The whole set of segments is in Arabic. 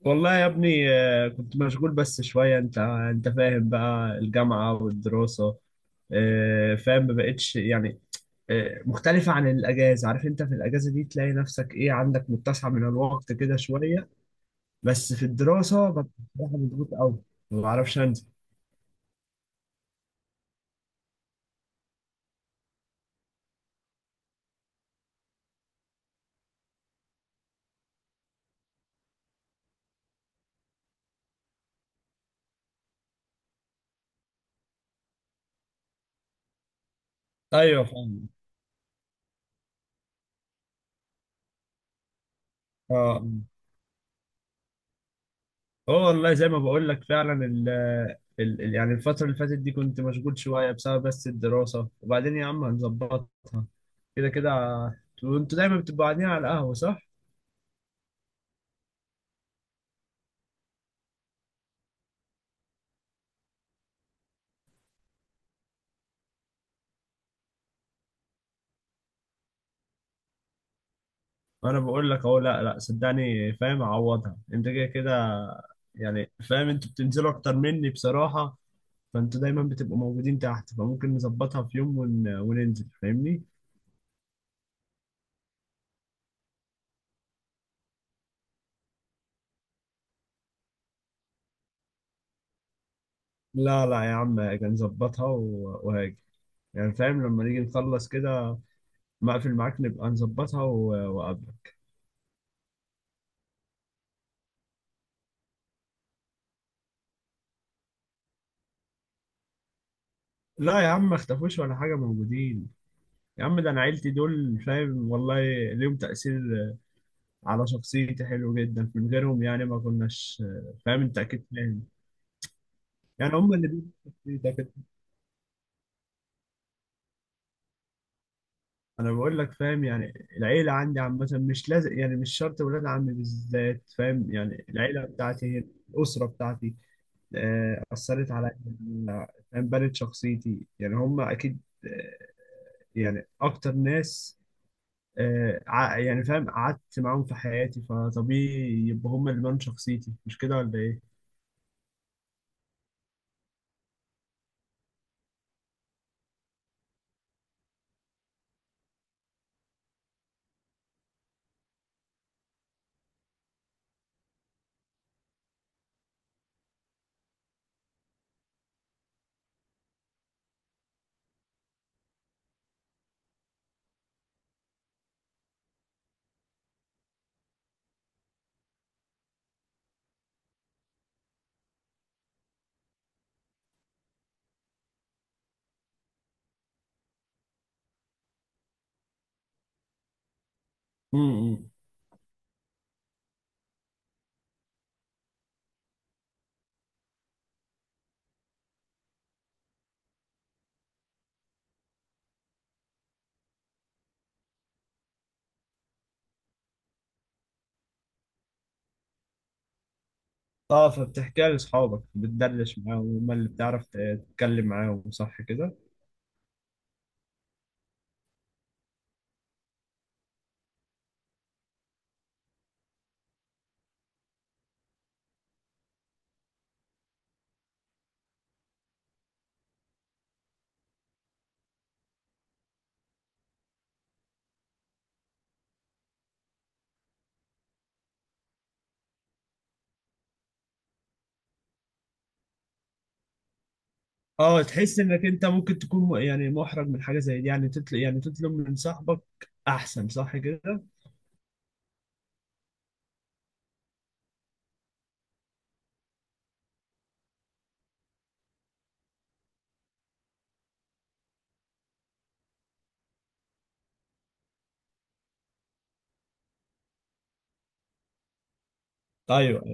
والله يا ابني كنت مشغول بس شوية انت فاهم بقى الجامعة والدراسة. فاهم ما بقتش يعني. مختلفة عن الأجازة، عارف انت في الأجازة دي تلاقي نفسك ايه؟ عندك متسع من الوقت كده شوية، بس في الدراسة ببقى بصراحة مضغوط أوي، ما بعرفش أنزل. ايوه فاهم. اه اه والله، زي ما بقول لك فعلا يعني الفترة اللي فاتت دي كنت مشغول شوية بسبب بس الدراسة، وبعدين يا عم هنظبطها كده كده. وانتوا دايما بتبقوا قاعدين على القهوة صح؟ انا بقول لك اهو، لا لا صدقني فاهم، اعوضها انت كده كده. يعني فاهم انتوا بتنزلوا اكتر مني بصراحة، فانتوا دايما بتبقوا موجودين تحت، فممكن نظبطها في وننزل، فاهمني؟ لا لا يا عم هاجي نظبطها وهاجي، يعني فاهم لما نيجي نخلص كده مقفل معاك نبقى نظبطها وقبل. لا يا عم ما اختفوش ولا حاجة، موجودين. يا عم ده انا عيلتي دول فاهم، والله ليهم تأثير على شخصيتي حلو جدا، من غيرهم يعني ما كناش. فاهم انت اكيد فاهم، يعني هم اللي بيبنوا شخصيتك كده. انا بقول لك فاهم، يعني العيلة عندي عامة، مش لازم يعني مش شرط ولاد عمي بالذات، فاهم يعني العيلة بتاعتي هي الأسرة بتاعتي. أثرت عليا، فاهم بنت شخصيتي، يعني هم أكيد. آه، يعني أكتر ناس يعني فاهم قعدت معاهم في حياتي، فطبيعي يبقى هم اللي بان شخصيتي، مش كده ولا ايه؟ امم. اه، فبتحكيها لاصحابك، بتدردش معاهم، هم اللي بتعرف تتكلم معاهم، صح كده؟ اه، تحس انك انت ممكن تكون يعني محرج من حاجه زي دي، يعني تطلب يعني تطلب من صاحبك احسن، صح كده؟ ايوه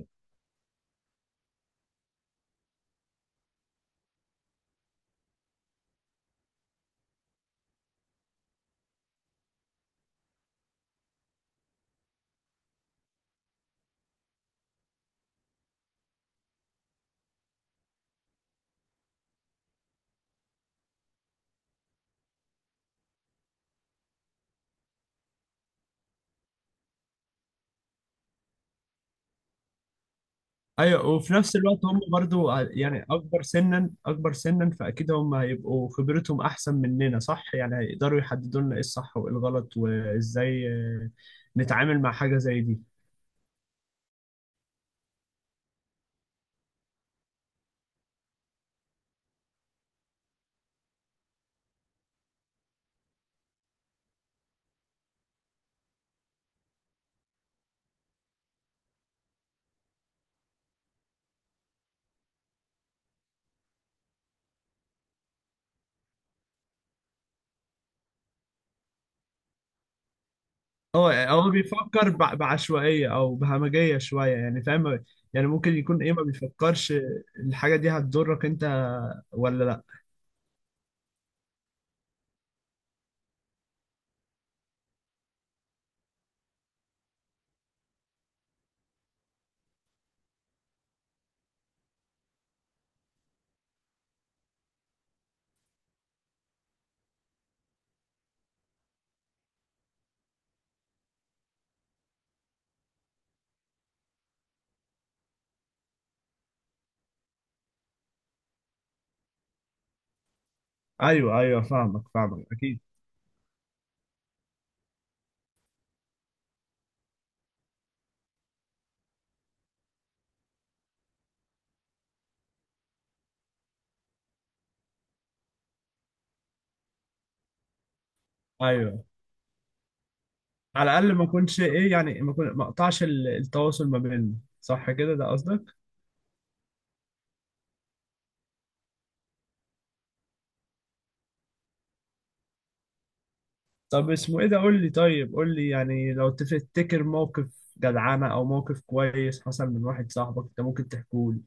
ايوه، وفي نفس الوقت هم برضو يعني اكبر سنا اكبر سنا، فاكيد هم هيبقوا خبرتهم احسن مننا صح، يعني هيقدروا يحددوا لنا ايه الصح وايه الغلط وازاي نتعامل مع حاجة زي دي. هو بيفكر بعشوائية او بهمجية شوية، يعني فاهم، يعني ممكن يكون ايه ما بيفكرش الحاجة دي هتضرك انت ولا لا. ايوه ايوه، فاهمك فاهمك اكيد. ايوه، على الاقل ما اكونش ايه، يعني ما اقطعش التواصل ما بيننا، صح كده ده قصدك؟ طب اسمه ايه ده؟ قول لي، طيب قول لي يعني لو تفتكر موقف جدعانة او موقف كويس حصل من واحد صاحبك انت، ممكن تحكوا لي.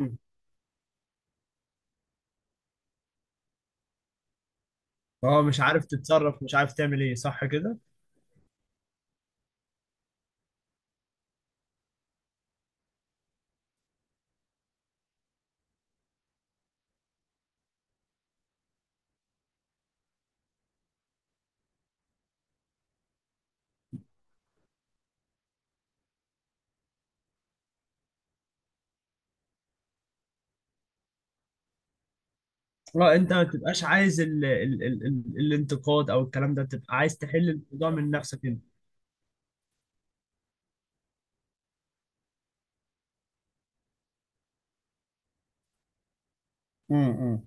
مم. هو مش عارف تتصرف، مش عارف تعمل ايه، صح كده؟ اه، انت ما تبقاش عايز ال الانتقاد او الكلام ده، تبقى عايز تحل الموضوع من نفسك انت. مم.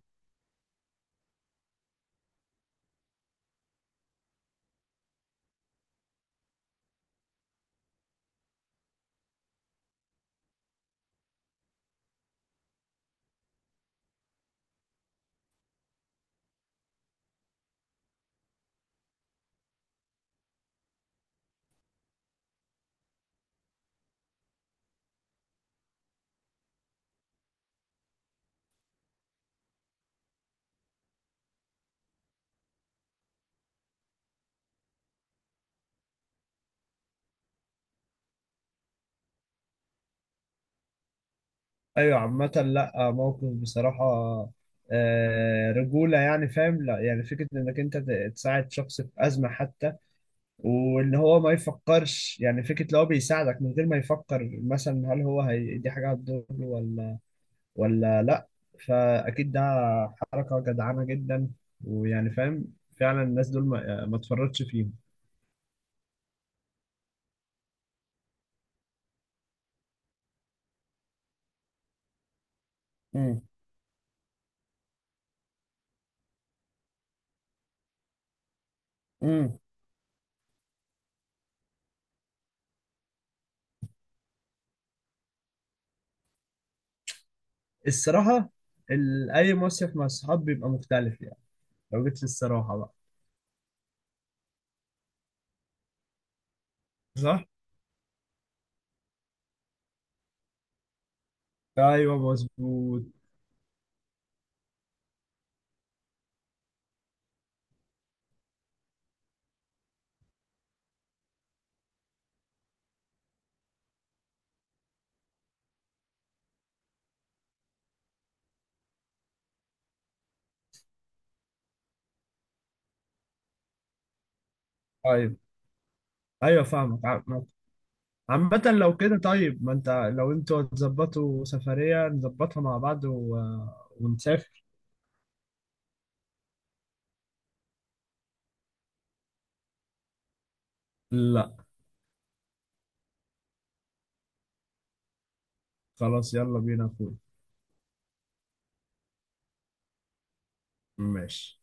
ايوه، عامة لا موقف بصراحة رجولة، يعني فاهم، لا يعني فكرة انك انت تساعد شخص في ازمة حتى، واللي هو ما يفكرش، يعني فكرة لو هو بيساعدك من غير ما يفكر مثلا هل هو هي دي حاجة هتضره ولا ولا لا، فأكيد ده حركة جدعانة جدا، ويعني فاهم فعلا الناس دول ما تفرطش فيهم. امم. امم. الصراحة، ال- أي مصيف مع الصحاب بيبقى مختلف يعني، لو جيت للصراحة بقى. صح؟ أيوه مظبوط. أيوه أيوه فاهمك. عامة لو كده طيب ما انت، لو انتوا هتظبطوا سفرية نظبطها مع بعض ونسافر. لا خلاص، يلا بينا يا اخوي. ماشي.